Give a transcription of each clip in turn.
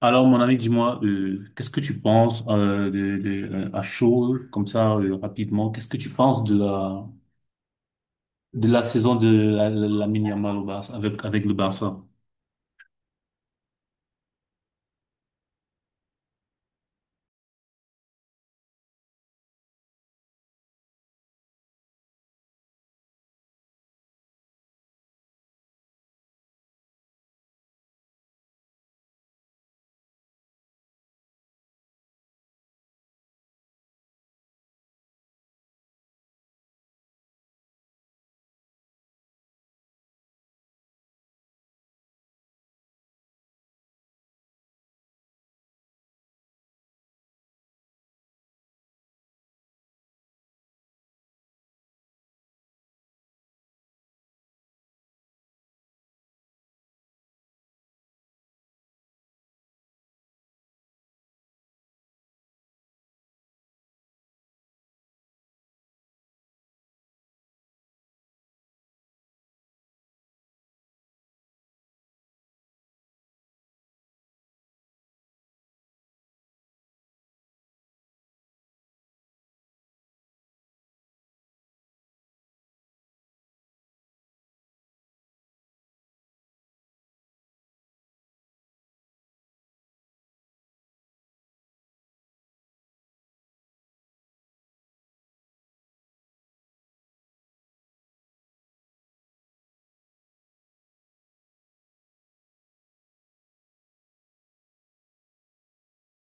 Alors, mon ami, dis-moi, qu'est-ce que tu penses à chaud, comme ça, rapidement, qu'est-ce que tu penses de la saison de Lamine Yamal au Barça, avec le Barça?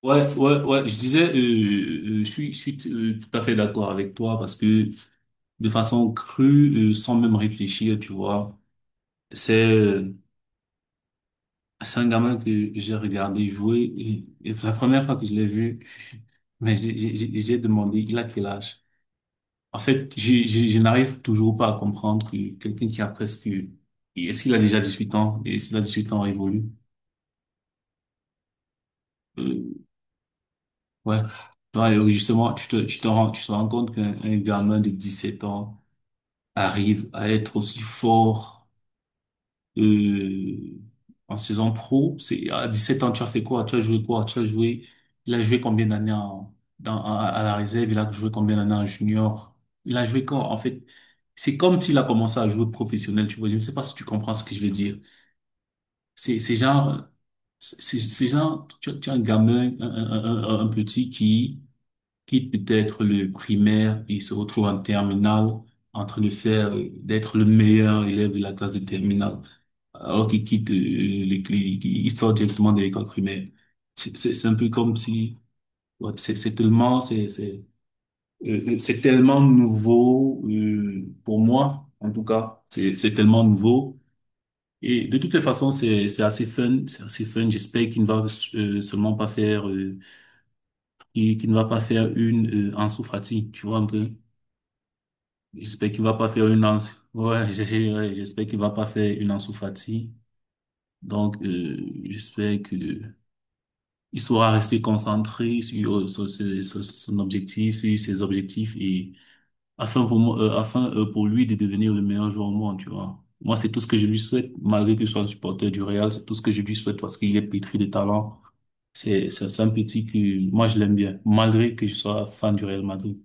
Ouais, ouais, ouais, je disais, je suis tout à fait d'accord avec toi parce que de façon crue, sans même réfléchir, tu vois, c'est euh, c'est un gamin que j'ai regardé jouer et la première fois que je l'ai vu, mais j'ai demandé, il a quel âge? En fait, je n'arrive toujours pas à comprendre que quelqu'un qui a presque... Est-ce qu'il a déjà 18 ans? Et s'il a huit ans révolu? Euh, ouais. Toi, et justement, tu te rends compte qu'un gamin de sept ans arrive à être aussi fort euh, en saison pro. C'est à 17 ans, tu as fait quoi? Tu as joué quoi? Tu as joué. Il a joué combien d'années en- dans, à la réserve? Il a joué combien d'années en junior? Il a joué quand? En fait, c'est comme s'il a commencé à jouer professionnel. Tu vois, je ne sais pas si tu comprends ce que je veux dire. C'est genre, c'est genre, tu as un gamin, un petit qui quitte peut-être le primaire et se retrouve en terminale en train de faire, d'être le meilleur élève de la classe de terminale alors qu'ils quittent les clés, ils sortent directement de l'école primaire. C'est un peu comme si, ouais, c'est tellement, c'est tellement nouveau pour moi, en tout cas, c'est tellement nouveau. Et de toutes les façons, c'est assez fun, c'est assez fun. J'espère qu'il ne va seulement pas faire, qu'il ne va pas faire une Ansu Fati, tu vois un peu. J'espère qu'il va pas faire une Ansu, ouais, ouais, j'espère qu'il va pas faire une Ansu Fati. Donc, j'espère que Il saura rester concentré sur, sur son objectif, sur ses objectifs et afin pour lui de devenir le meilleur joueur au monde, tu vois. Moi, c'est tout ce que je lui souhaite, malgré qu'il soit un supporter du Real, c'est tout ce que je lui souhaite parce qu'il est pétri de talent. C'est un petit que moi je l'aime bien, malgré que je sois fan du Real Madrid.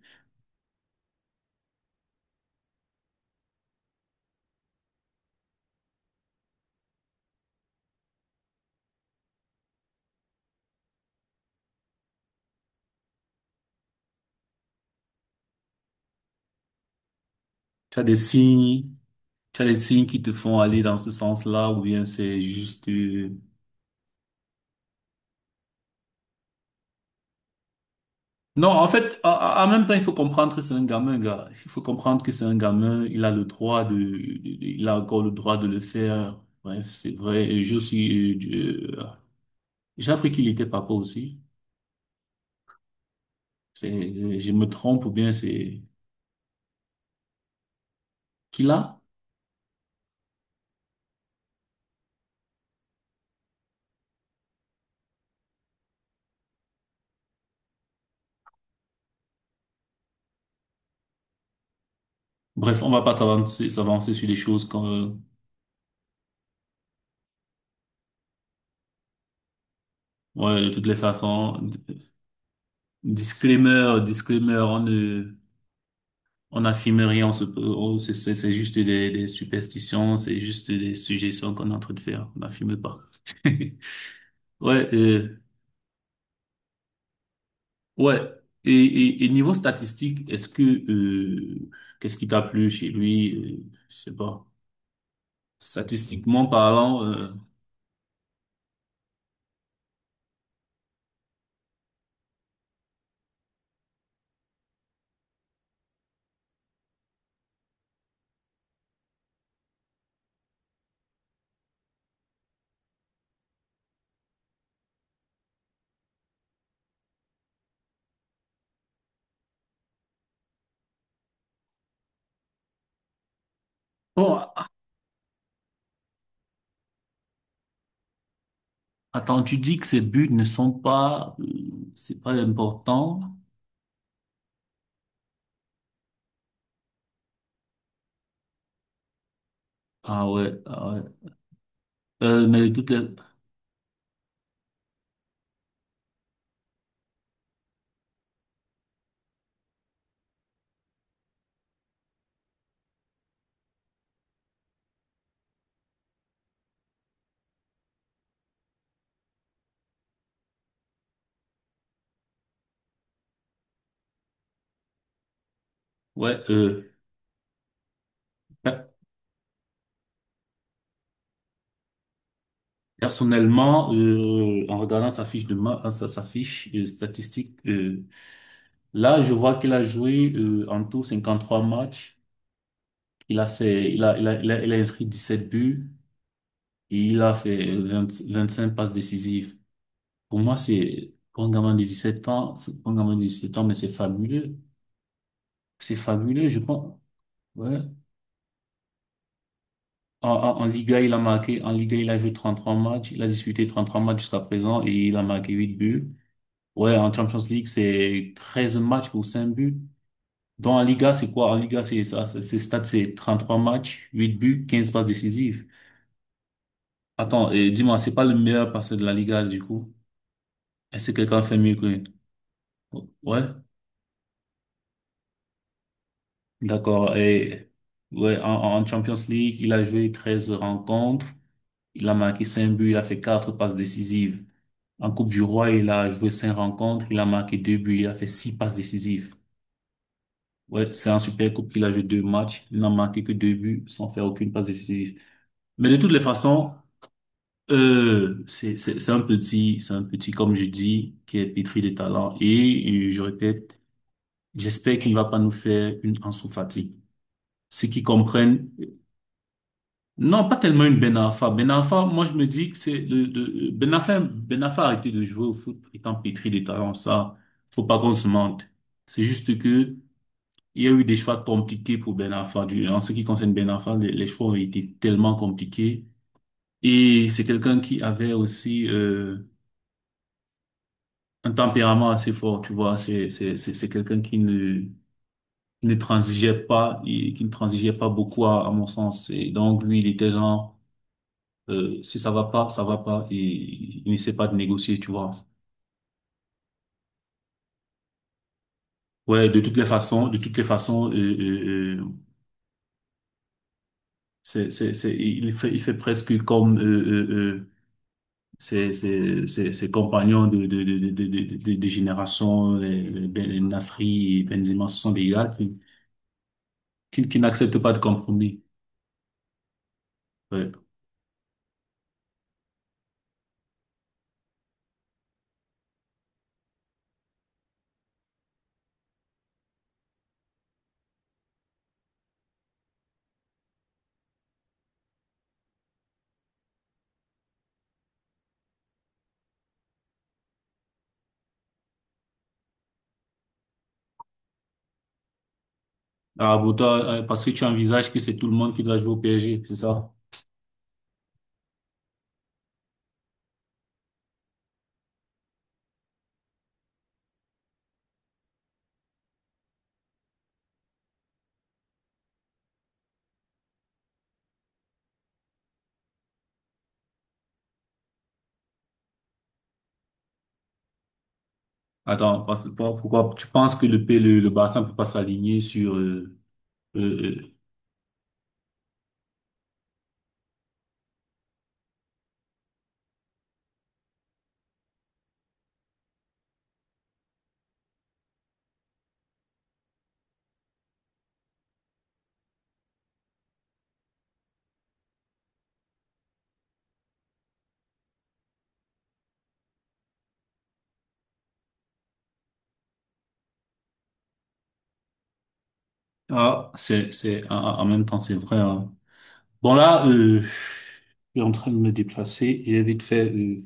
Tu as des signes, tu as des signes qui te font aller dans ce sens-là ou bien c'est juste non, en fait, même temps, il faut comprendre que c'est un gamin, gars. Il faut comprendre que c'est un gamin. Il a le droit de, il a encore le droit de le faire. Bref, c'est vrai. Et je suis, euh, j'ai appris qu'il était papa aussi. C'est, je me trompe ou bien c'est qu'il a. Bref, on va pas s'avancer sur des choses comme, ouais, de toutes les façons. Disclaimer, disclaimer, on n'affirme rien, oh, c'est juste des superstitions, c'est juste des suggestions qu'on est en train de faire. On n'affirme pas. Ouais, ouais. Et niveau statistique, est-ce que qu'est-ce qui t'a plu chez lui? Je sais pas. Statistiquement parlant, bon, attends, tu dis que ses buts ne sont pas, c'est pas important. Ah ouais, ah ouais. Mais toutes les, ouais. Personnellement, en regardant sa, sa fiche statistique, là, je vois qu'il a joué en tout 53 matchs. Il a fait, il a, il a, il a, il a inscrit 17 buts et il a fait 25 passes décisives. Pour moi, c'est pour un gamin de 17 ans, pour un gamin de 17 ans, mais c'est fabuleux. C'est fabuleux, je pense. Ouais. En Liga, il a marqué, en Liga, il a joué 33 matchs, il a disputé 33 matchs jusqu'à présent et il a marqué 8 buts. Ouais, en Champions League, c'est 13 matchs pour 5 buts. Dans la Liga, c'est quoi? En Liga, c'est ça, c'est stats, c'est 33 matchs, 8 buts, 15 passes décisives. Attends, et dis-moi, c'est pas le meilleur passeur de la Liga, du coup? Est-ce que quelqu'un fait mieux que lui? Ouais, d'accord. Et, ouais, en Champions League, il a joué 13 rencontres, il a marqué 5 buts, il a fait 4 passes décisives. En Coupe du Roi, il a joué 5 rencontres, il a marqué 2 buts, il a fait 6 passes décisives. Ouais, c'est un super coup qu'il a joué 2 matchs. Il n'a marqué que 2 buts sans faire aucune passe décisive. Mais de toutes les façons, c'est un petit, comme je dis, qui est pétri de talent. Et, je répète, j'espère qu'il ne va pas nous faire une Ansu Fati. Ceux qui comprennent, non, pas tellement une Ben Arfa. Ben Arfa, moi, je me dis que c'est Ben Arfa, Ben Arfa a arrêté de jouer au foot étant pétri de talent. Ça, faut pas qu'on se mente. C'est juste que, il y a eu des choix compliqués pour Ben Arfa. En ce qui concerne Ben Arfa, les choix ont été tellement compliqués. Et c'est quelqu'un qui avait aussi un tempérament assez fort, tu vois. C'est quelqu'un qui ne transigeait pas, et qui ne transigeait pas beaucoup à mon sens. Et donc lui, il était genre si ça va pas, ça va pas. Et il n'essaie pas de négocier, tu vois. Ouais, de toutes les façons, de toutes les façons, c'est il fait presque comme ses compagnons de, de génération, les Nasri et Benzema, ce sont des gars qui n'acceptent pas de compromis. Ouais. Ah, pour toi, parce que tu envisages que c'est tout le monde qui doit jouer au PSG, c'est ça? Attends, pourquoi tu penses que le Barça ne peut pas s'aligner sur... euh, euh, ah, ah, en même temps, c'est vrai. Hein. Bon, là, je suis en train de me déplacer. J'ai vite fait...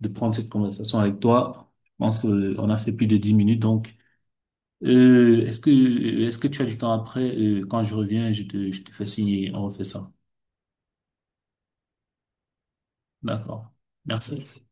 de prendre cette conversation avec toi. Je pense qu'on a fait plus de 10 minutes, donc est-ce que tu as du temps après? Quand je reviens, je te fais signer, on refait ça. D'accord. Merci.